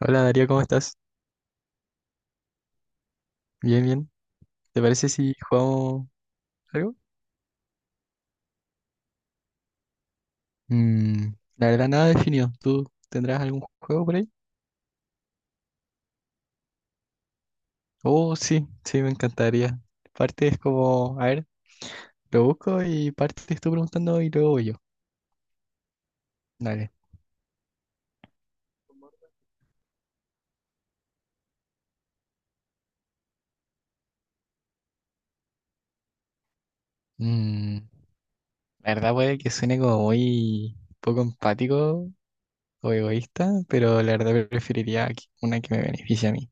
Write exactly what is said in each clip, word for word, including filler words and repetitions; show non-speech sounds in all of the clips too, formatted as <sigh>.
Hola Darío, ¿cómo estás? Bien, bien. ¿Te parece si jugamos algo? Mm, la verdad, nada definido. ¿Tú tendrás algún juego por ahí? Oh, sí, sí, me encantaría. Parte es como, a ver, lo busco y parte te estoy preguntando y luego voy yo. Dale. Mm, la verdad puede que suene como muy poco empático o egoísta, pero la verdad preferiría que- una que me beneficie a mí.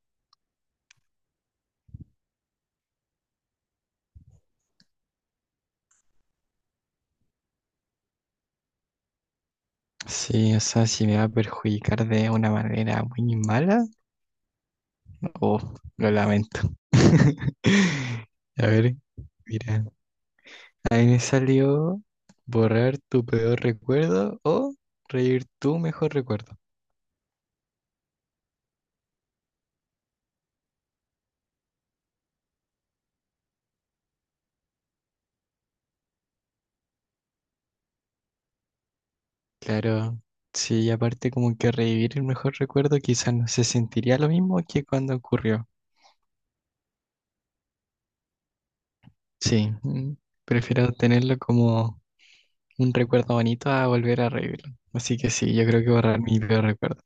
Sí, o sea, si me va a perjudicar de una manera muy mala, oh, lo lamento. <laughs> A ver, mira. Ahí me salió borrar tu peor recuerdo o revivir tu mejor recuerdo. Claro, sí, y aparte como que revivir el mejor recuerdo quizás no se sentiría lo mismo que cuando ocurrió. Sí, mm, prefiero tenerlo como un recuerdo bonito a volver a revivirlo. Así que sí, yo creo que borrar mi peor recuerdo.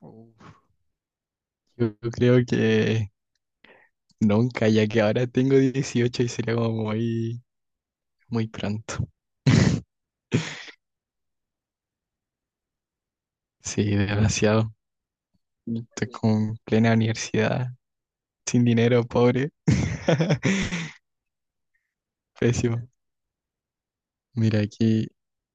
Uf. Yo creo que nunca, ya que ahora tengo dieciocho y sería como muy muy pronto. Sí, desgraciado. Estoy con plena universidad, sin dinero, pobre. <laughs> Pésimo. Mira, aquí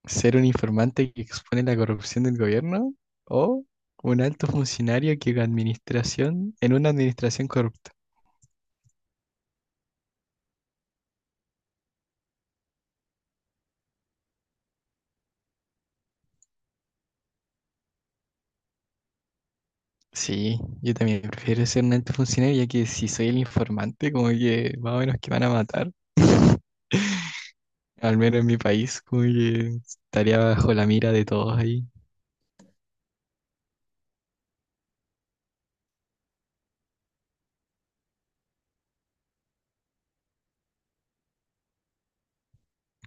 ser un informante que expone la corrupción del gobierno o un alto funcionario que administración en una administración corrupta. Sí, yo también prefiero ser un alto funcionario ya que si soy el informante, como que más o menos que van a matar. <laughs> Al menos en mi país, como que estaría bajo la mira de todos ahí.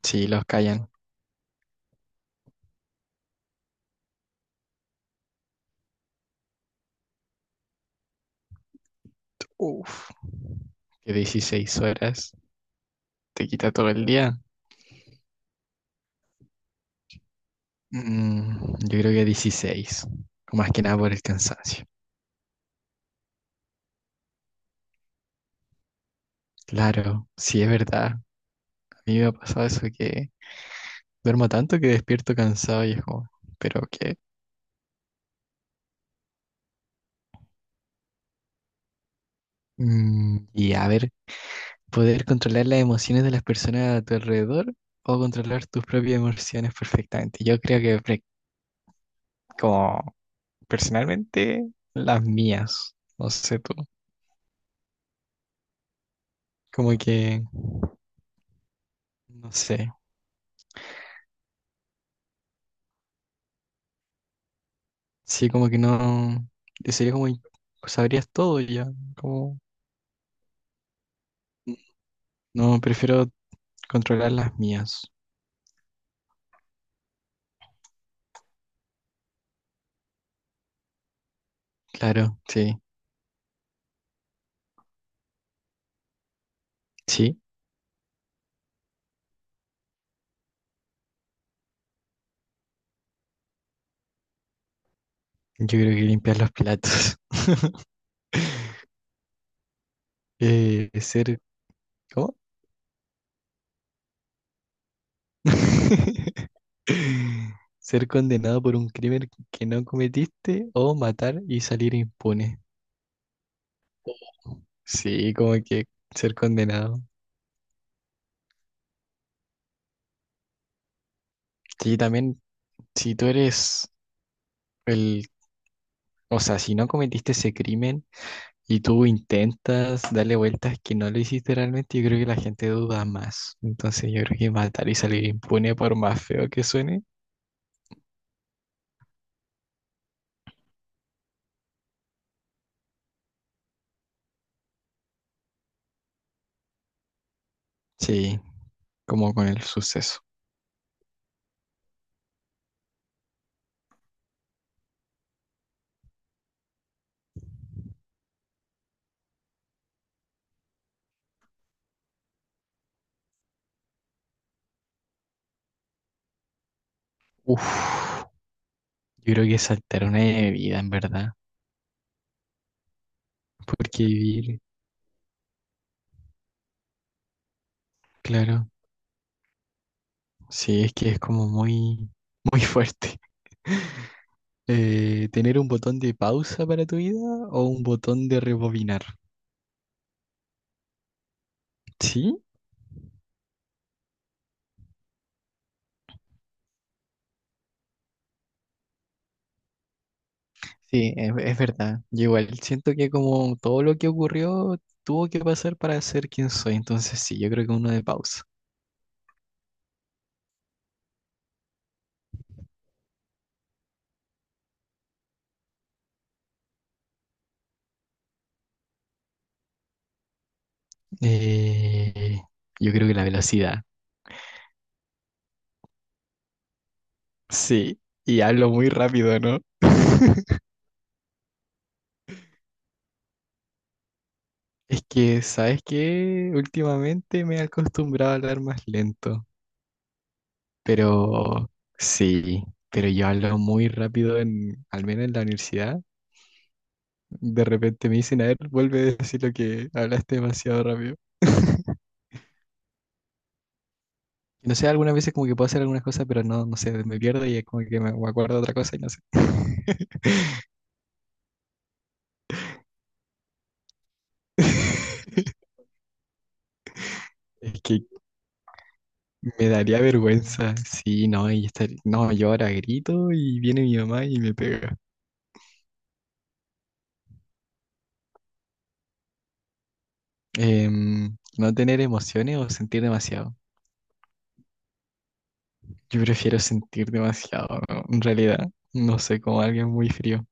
Sí, los callan. Uf, que dieciséis horas te quita todo el día. Mm, yo creo que dieciséis, más que nada por el cansancio. Claro, sí es verdad. A mí me ha pasado eso que duermo tanto que despierto cansado y es como, ¿pero qué? Mm, y a ver, poder controlar las emociones de las personas a tu alrededor o controlar tus propias emociones perfectamente. Yo creo que pre- como personalmente las mías, no sé tú, como que, no sé. Sí, como que no. Sería como. in- Sabrías todo ya. Como. No, prefiero controlar las mías. Claro, sí. Sí, yo creo que limpiar los platos. <laughs> Eh, ser. ¿Cómo? <laughs> Ser condenado por un crimen que no cometiste o matar y salir impune. Sí, como que ser condenado. Sí, también, si tú eres el. O sea, si no cometiste ese crimen y tú intentas darle vueltas que no lo hiciste realmente, yo creo que la gente duda más. Entonces yo creo que matar y salir impune, por más feo que suene, sí, como con el suceso. Uf, yo creo que saltar una de vida, en verdad, porque vivir, claro, sí, es que es como muy, muy fuerte. <laughs> Eh, ¿tener un botón de pausa para tu vida o un botón de rebobinar? Sí, sí, es, es verdad. Yo igual siento que como todo lo que ocurrió tuvo que pasar para ser quien soy. Entonces sí, yo creo que uno de pausa. Eh, yo creo que la velocidad. Sí, y hablo muy rápido, ¿no? <laughs> Es que, ¿sabes qué? Últimamente me he acostumbrado a hablar más lento, pero sí, pero yo hablo muy rápido en, al menos en la universidad. De repente me dicen, a ver, vuelve a decir lo que hablaste demasiado rápido. <laughs> No sé, algunas veces como que puedo hacer algunas cosas, pero no, no sé, me pierdo y es como que me, me acuerdo de otra cosa y no sé. <laughs> Es que me daría vergüenza. Sí, no, y estar, no, yo ahora grito y viene mi mamá y me pega. Em, no tener emociones o sentir demasiado. Yo prefiero sentir demasiado, ¿no? En realidad, no sé, como alguien muy frío.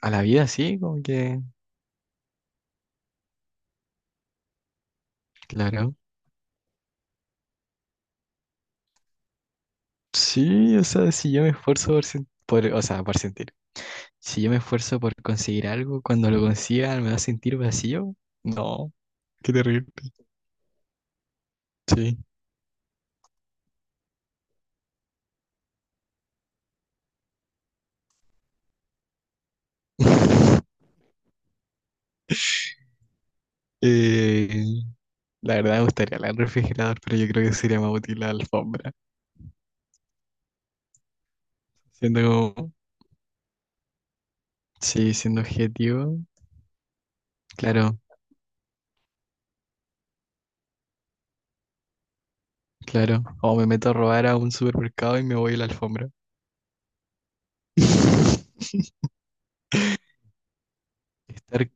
A la vida sí, como que, claro. Sí, o sea, si yo me esfuerzo por, sen- por- o sea, por sentir. Si yo me esfuerzo por conseguir algo, cuando lo consiga me va a sentir vacío. No, qué terrible. Sí. <laughs> Eh, la verdad me gustaría el refrigerador, pero yo creo que sería más útil la alfombra. Siendo como, sí, siendo objetivo, claro, claro. O me meto a robar a un supermercado y me voy a la alfombra. <laughs> ¿Estar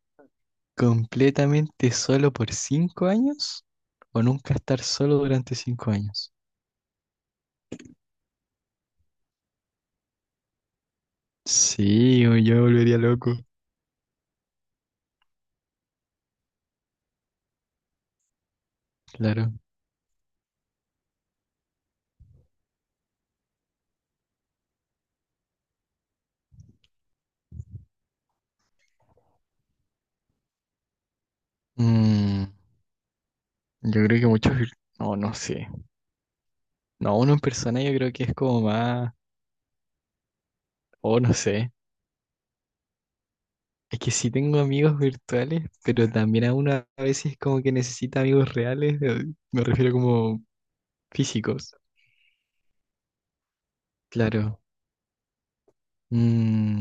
completamente solo por cinco años? ¿O nunca estar solo durante cinco años? Sí, o yo me volvería loco. Claro. Mm, yo creo que muchos, vir- no, no sé. No, uno en persona yo creo que es como más, o no sé. Es que sí tengo amigos virtuales, pero también a uno a veces como que necesita amigos reales, eh, me refiero como físicos. Claro. Mm,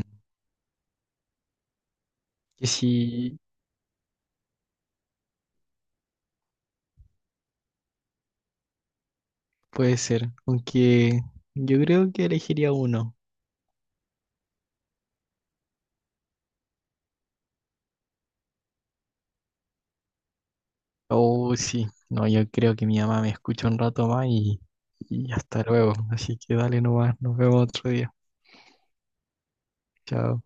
que sí, puede ser. Aunque yo creo que elegiría uno. Oh, sí. No, yo creo que mi mamá me escucha un rato más y, y hasta luego. Así que dale nomás, nos vemos otro día. Chao.